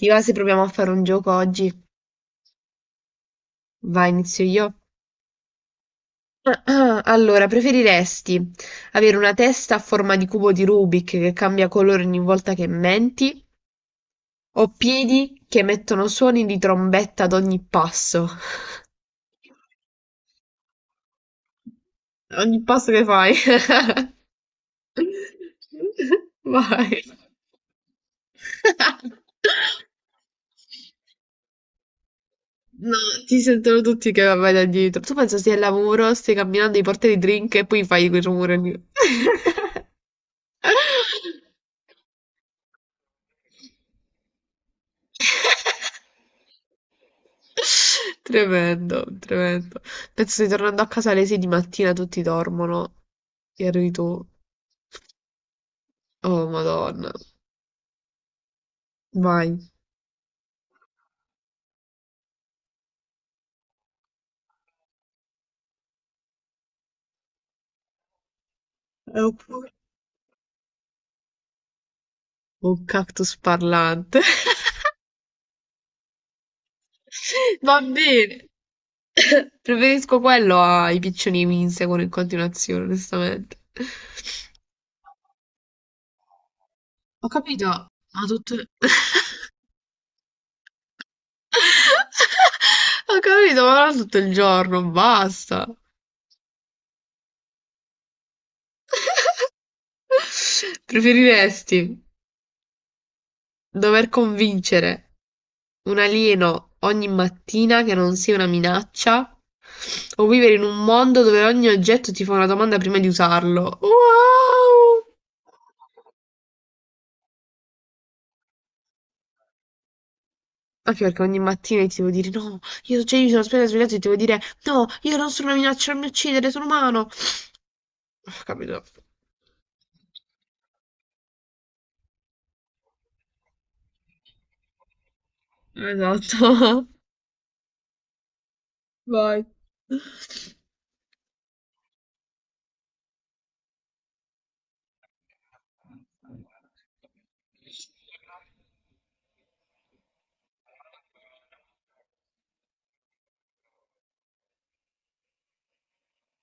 Ti va se proviamo a fare un gioco oggi? Vai, inizio io. Allora, preferiresti avere una testa a forma di cubo di Rubik che cambia colore ogni volta che menti o piedi che emettono suoni di trombetta ad ogni passo? Ogni passo che fai. Vai. No, ti sentono tutti che vai da dietro. Tu pensa, stai al lavoro, stai camminando, ti porti i drink e poi fai quel rumore lì. Tremendo, tremendo. Penso stai tornando a casa alle 6 di mattina, tutti dormono e arrivi tu. Oh, Madonna. Vai. È un cactus parlante. Va bene. Preferisco quello ai piccioni che mi inseguono in continuazione, onestamente. Ho capito, ma tutto... Ho capito, ma non tutto il giorno, basta. Preferiresti dover convincere un alieno ogni mattina che non sia una minaccia o vivere in un mondo dove ogni oggetto ti fa una domanda prima di usarlo? Wow! Anche perché ogni mattina ti devo dire no, io, cioè, io mi sono appena svegliato e ti devo dire no, io non sono una minaccia, non mi uccidere, sono umano. Ah, capito? Esatto. Vai.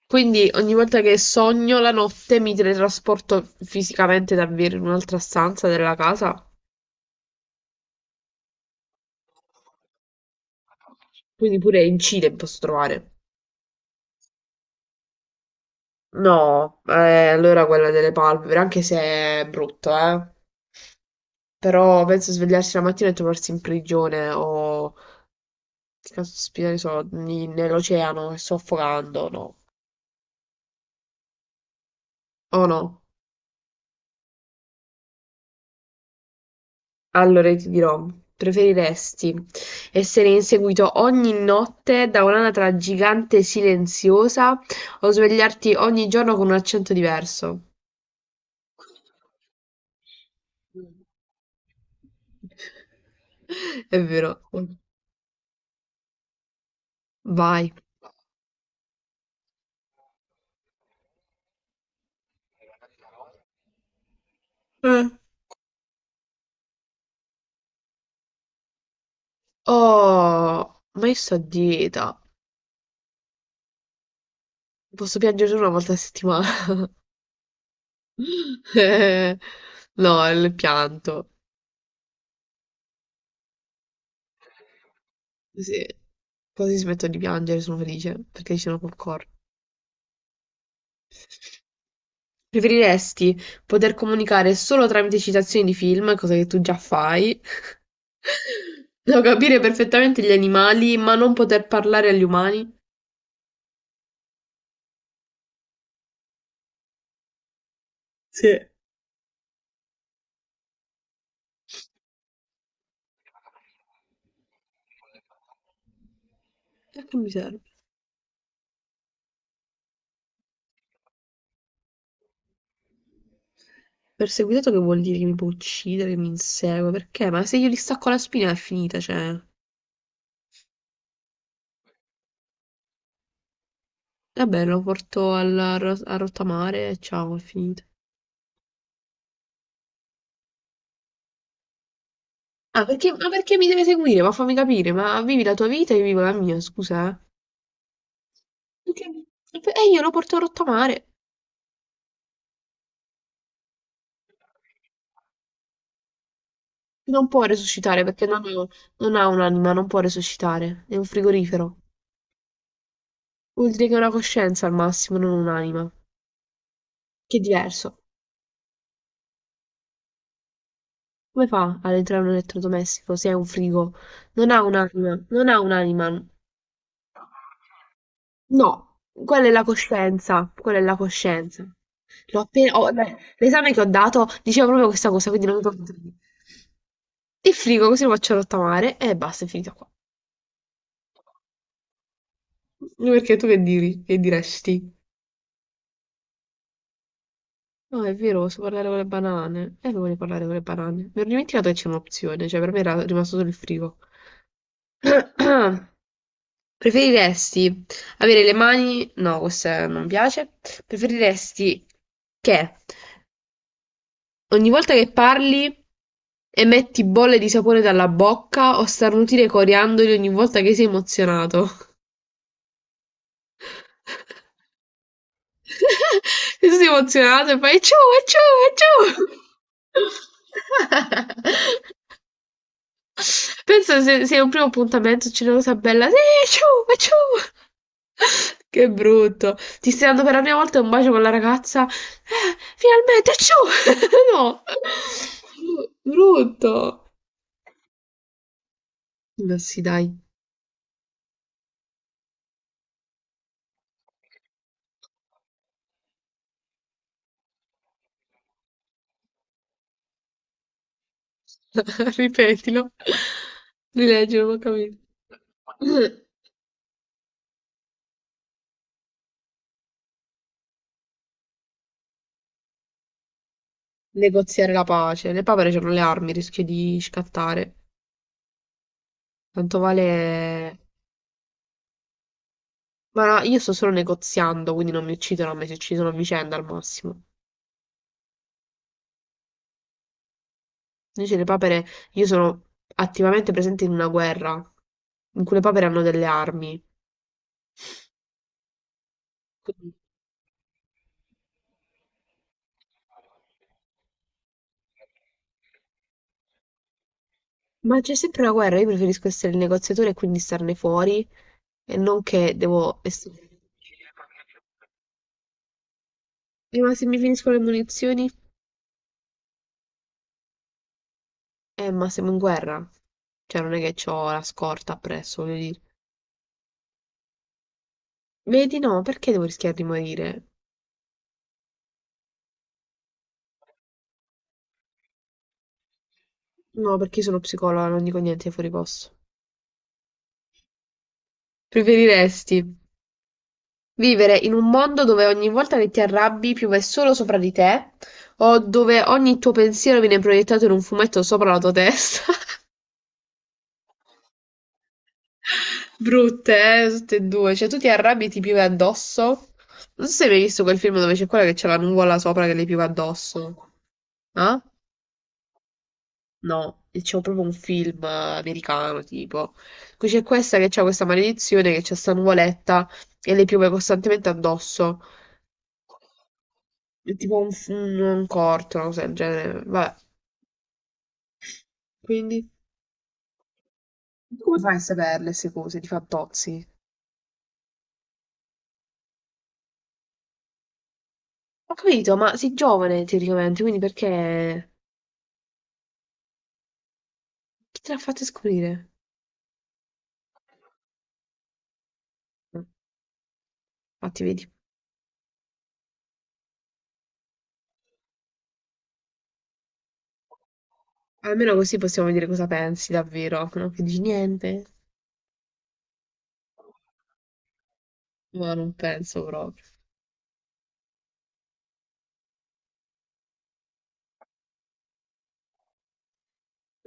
Quindi ogni volta che sogno la notte mi teletrasporto fisicamente davvero in un'altra stanza della casa. Quindi pure in Cile posso trovare. No, allora quella delle palpebre, anche se è brutto, eh. Però penso svegliarsi la mattina e trovarsi in prigione o che caspita ne so, nell'oceano e soffocando, no. O no. Allora ti dirò, preferiresti essere inseguito ogni notte da un'anatra gigante silenziosa o svegliarti ogni giorno con un accento diverso? Mm. È vero. Vai. Eh. Oh, ma io sto a dieta. Posso piangere solo una volta a settimana. Eh, no, il pianto. Sì. Quasi smetto di piangere, sono felice perché ci sono col coro. Preferiresti poter comunicare solo tramite citazioni di film, cosa che tu già fai, o capire perfettamente gli animali, ma non poter parlare agli umani? Sì. E a che mi serve? Perseguitato che vuol dire, che mi può uccidere, che mi insegue? Perché? Ma se io gli stacco la spina è finita, cioè... Vabbè, lo porto a rottamare e ciao, è finita. Ah, perché, ma perché mi deve seguire? Ma fammi capire, ma vivi la tua vita e io vivo la mia, scusa. Eh. Perché- E io lo porto rotto a mare. Non può resuscitare perché non ha un'anima, non può resuscitare. È un frigorifero. Vuol dire che ha una coscienza al massimo, non un'anima. Che è diverso. Come fa ad entrare un elettrodomestico se è un frigo? Non ha un'anima, non ha un'anima. No, quella è la coscienza, quella è la coscienza. L'ho appena... oh, beh, l'esame che ho dato diceva proprio questa cosa, quindi non mi posso dire. Li frigo così lo faccio rottamare e basta, è finita qua. Perché tu che diri? Che diresti? No, è vero, posso parlare con le banane. E voglio parlare con le banane. Mi ero dimenticato che c'è un'opzione, cioè per me era rimasto solo il frigo. Preferiresti avere le mani... No, questa non piace. Preferiresti che ogni volta che parli emetti bolle di sapone dalla bocca o starnutire coriandoli ogni volta che sei emozionato? Sei emozionato e fai ciu, è ciu, è ciu. Pensa se è un primo appuntamento c'è una cosa bella, sì, è ciu, è ciu. Che brutto. Ti stai dando per la prima volta un bacio con la ragazza? Finalmente, è ciu. No. Brutto. Ma sì, dai. Ripetilo. Rileggilo, non ho capito. Negoziare la pace. Le papere c'hanno le armi, rischio di scattare. Tanto vale... Ma io sto solo negoziando, quindi non mi uccidono a me, si uccidono a vicenda al massimo. Invece le papere, io sono attivamente presente in una guerra, in cui le papere hanno delle armi. Quindi- Ma c'è sempre una guerra, io preferisco essere il negoziatore e quindi starne fuori, e non che devo... essere- ma se mi finiscono le munizioni? Ma siamo in guerra. Cioè, non è che ho la scorta appresso, voglio Vedi, no, perché devo rischiare di morire? No, perché io sono psicologa, non dico niente fuori posto. Preferiresti vivere in un mondo dove ogni volta che ti arrabbi piove solo sopra di te, o dove ogni tuo pensiero viene proiettato in un fumetto sopra la tua testa? Brutte, tutte e due. Cioè, tu ti arrabbi e ti piove addosso? Non so se hai mai visto quel film dove c'è quella che c'è la nuvola sopra che le piove addosso. Ah? No, c'è proprio un film americano, tipo. Qui c'è questa che c'ha questa maledizione, che c'è sta nuvoletta e le piove costantemente addosso. È tipo un corto, una cosa del genere. Vabbè, quindi... Come fai a saperle queste cose? Ti fa tozzi? Ho capito, ma sei giovane teoricamente, quindi perché... Chi te l'ha fatta scoprire? Mm, infatti, vedi. Almeno così possiamo dire cosa pensi davvero, no? Che dici niente? Ma non penso proprio.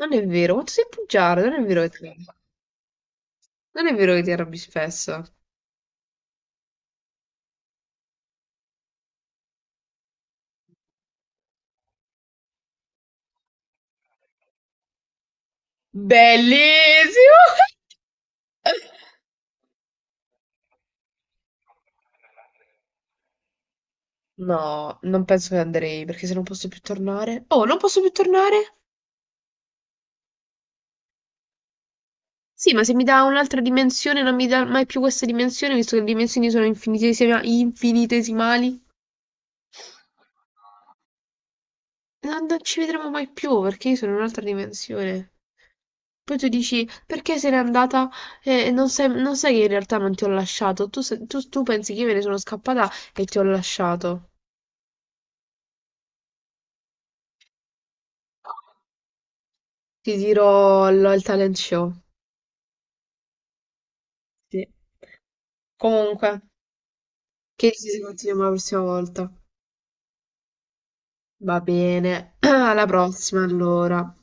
Non è vero, quanto sei bugiardo, non è vero che ti, non è vero che ti arrabbi spesso. Bellissimo! No, non penso che andrei, perché se non posso più tornare... Oh, non posso più tornare? Sì, ma se mi dà un'altra dimensione, non mi dà mai più questa dimensione, visto che le dimensioni sono infinitesimali. Non ci vedremo mai più perché io sono in un'altra dimensione. Poi tu dici perché se n'è andata e non sai, non sai che in realtà non ti ho lasciato. Tu, tu pensi che io me ne sono scappata e ti ho lasciato. Ti dirò il talent show. Sì. Comunque, che ci si continuiamo la prossima volta. Va bene, alla prossima allora.